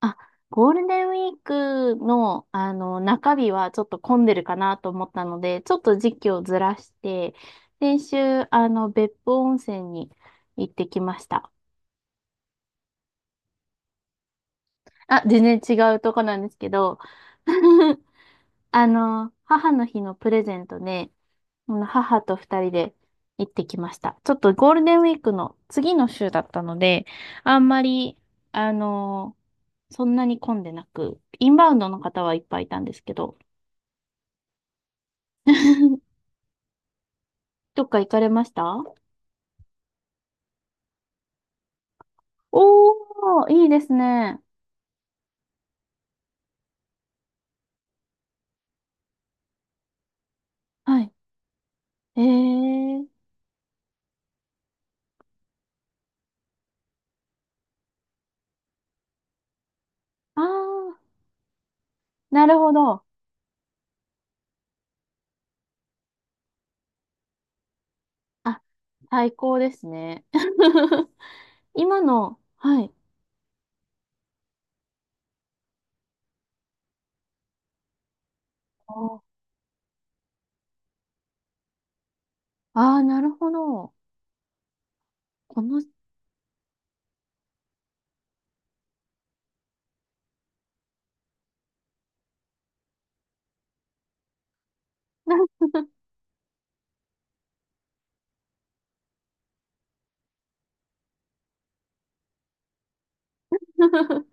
あ、ゴールデンウィークの、中日はちょっと混んでるかなと思ったので、ちょっと時期をずらして、先週、別府温泉に行ってきました。あ、全然違うとこなんですけど、母の日のプレゼントで、あの母と二人で行ってきました。ちょっとゴールデンウィークの次の週だったので、あんまり、あの、そんなに混んでなく、インバウンドの方はいっぱいいたんですけど、どっか行かれました？おー、いいですね。はい。えー。あー、なるほど。あ、最高ですね。今の、はい。おあー、なるほど。この、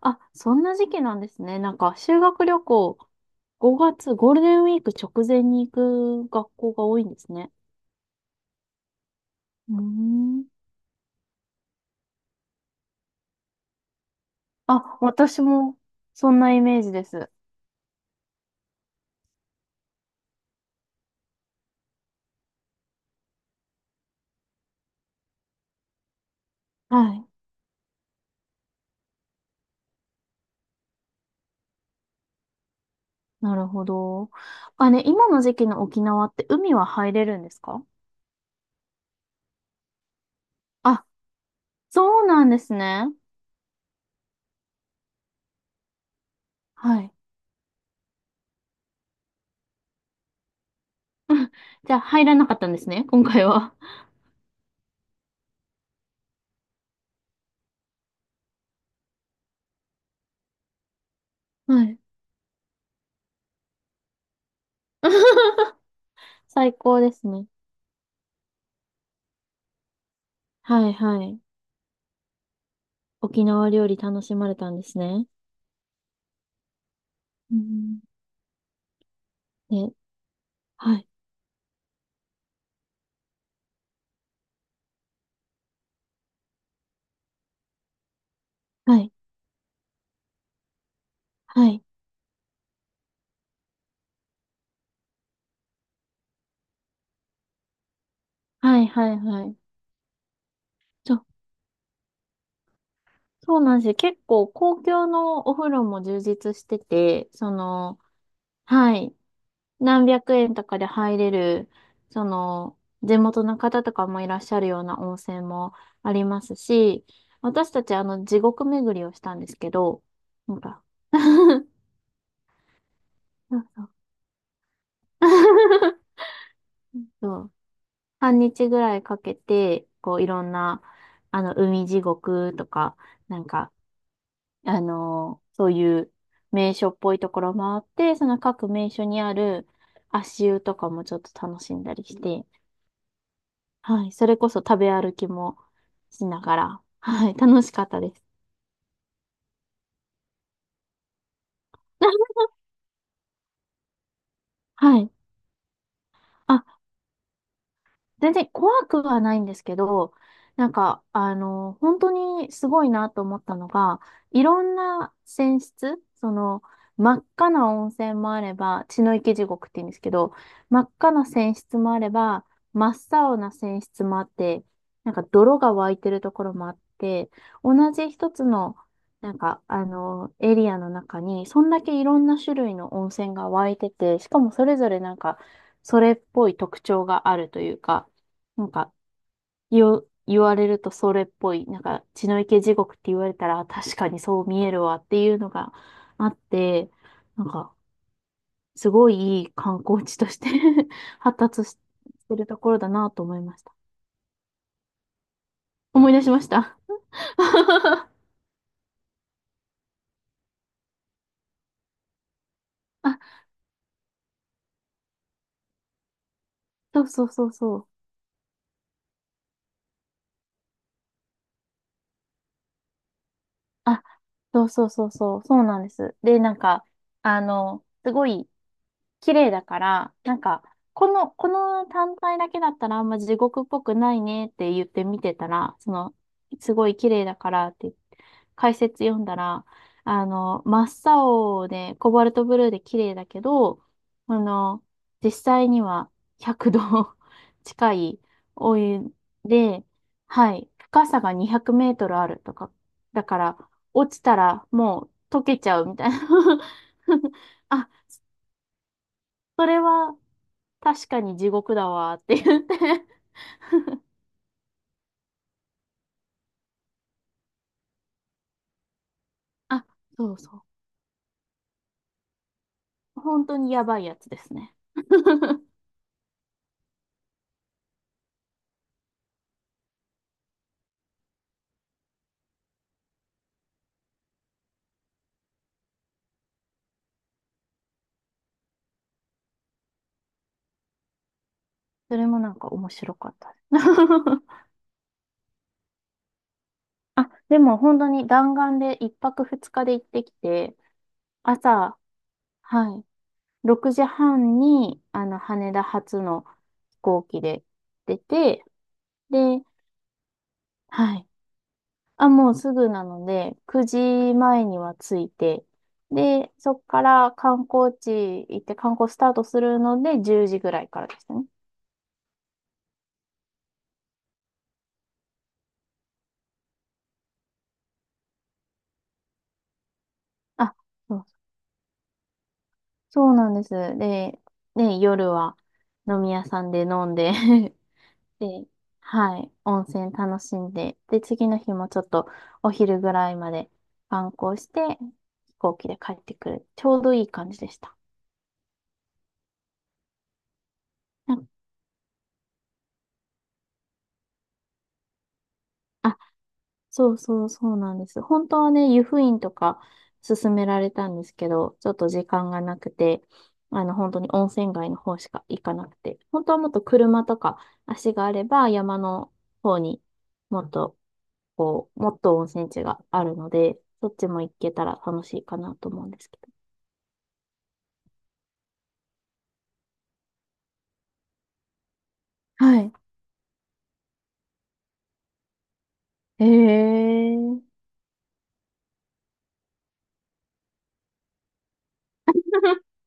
あ、そんな時期なんですね。なんか、修学旅行、5月、ゴールデンウィーク直前に行く学校が多いんですね。うーん。あ、私も、そんなイメージです。はい。なるほど。あ、ね、今の時期の沖縄って海は入れるんですか？あ、そうなんですね。はい。じゃあ入らなかったんですね、今回は。はい。最高ですね。はいはい。沖縄料理楽しまれたんですね。うん。ね、はい、はい、はい、はい、はい、はい。そう、そうなんですよ。結構公共のお風呂も充実してて、その、はい。何百円とかで入れる、その、地元の方とかもいらっしゃるような温泉もありますし、私たちあの地獄巡りをしたんですけど、なんか そうそう そう半日ぐらいかけて、こういろんな、海地獄とか、なんか、あのーそういう名所っぽいところ回って、その各名所にある足湯とかもちょっと楽しんだりして、はい。それこそ食べ歩きもしながら。はい。楽しかったです。はい。あ、全然怖くはないんですけど、なんか、本当にすごいなと思ったのが、いろんな泉質、その、真っ赤な温泉もあれば、血の池地獄って言うんですけど、真っ赤な泉質もあれば、真っ青な泉質もあって、なんか泥が湧いてるところもあって、同じ一つの、なんか、エリアの中に、そんだけいろんな種類の温泉が湧いてて、しかもそれぞれなんか、それっぽい特徴があるというか、なんか、言われるとそれっぽい、なんか、血の池地獄って言われたら、確かにそう見えるわっていうのがあって、なんか、すごいいい観光地として 発達してるところだなと思いました。思い出しました。あ、そうそうそうそう。あ、そうそうそうそう、そうなんです。で、なんか、すごい、綺麗だから、なんか、この単体だけだったらあんま地獄っぽくないねって言って見てたら、その、すごい綺麗だからって解説読んだら、真っ青でコバルトブルーで綺麗だけど、あの、実際には100度 近いお湯で、はい、深さが200メートルあるとか、だから、落ちたらもう溶けちゃうみたいな あ、それは確かに地獄だわーって言ってあ、そうそう。本当にやばいやつですね。それもなんか面白かったです。あ、でも本当に弾丸で1泊2日で行ってきて、朝、はい、6時半に、羽田発の飛行機で出て、で、はいあ、もうすぐなので、9時前には着いて、で、そっから観光地行って観光スタートするので、10時ぐらいからでしたね。あ、そうそうなんです。で、ね、夜は飲み屋さんで飲んで で、はい、温泉楽しんで、で、次の日もちょっとお昼ぐらいまで観光して、飛行機で帰ってくる。ちょうどいい感じでした。あそうそうそうなんです。本当はね、湯布院とか勧められたんですけど、ちょっと時間がなくて、本当に温泉街の方しか行かなくて、本当はもっと車とか足があれば山の方にもっと、こう、もっと温泉地があるので、そっちも行けたら楽しいかなと思うんですけど。はい。ええー。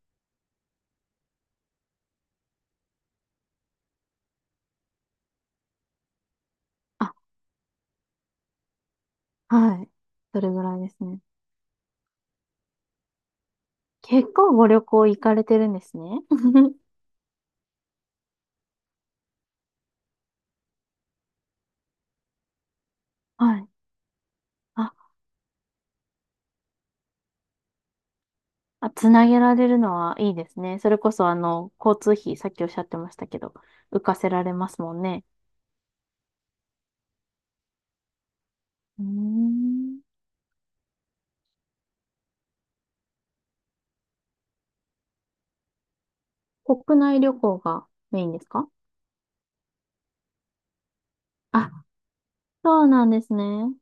あ、はい。それぐらいですね。結構ご旅行行かれてるんですね。はい。ああ、つなげられるのはいいですね。それこそ、交通費、さっきおっしゃってましたけど、浮かせられますもんね。うーん。国内旅行がメインですか？あ、そうなんですね。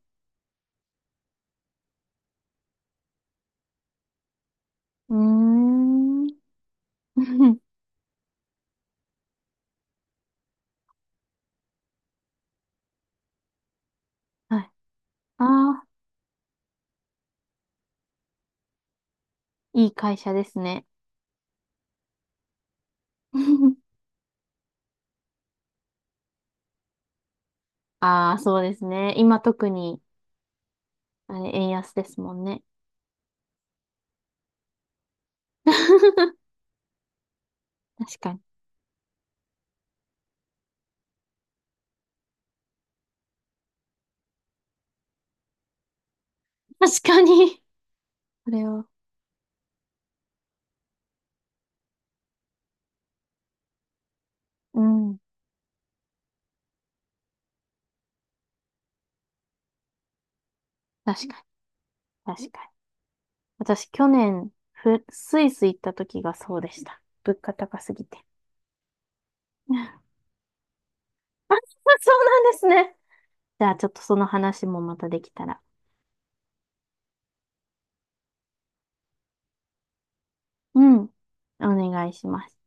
うーん。はい。ああ、いい会社ですね。ああ、そうですね。今特に、あれ、円安ですもんね。確かに。確かに。これを。うん。確かに。確かに。私、去年、ふ、スイス行った時がそうでした。物価高すぎて。あ、そうなんですね。じゃあ、ちょっとその話もまたできたら。うん。お願いします。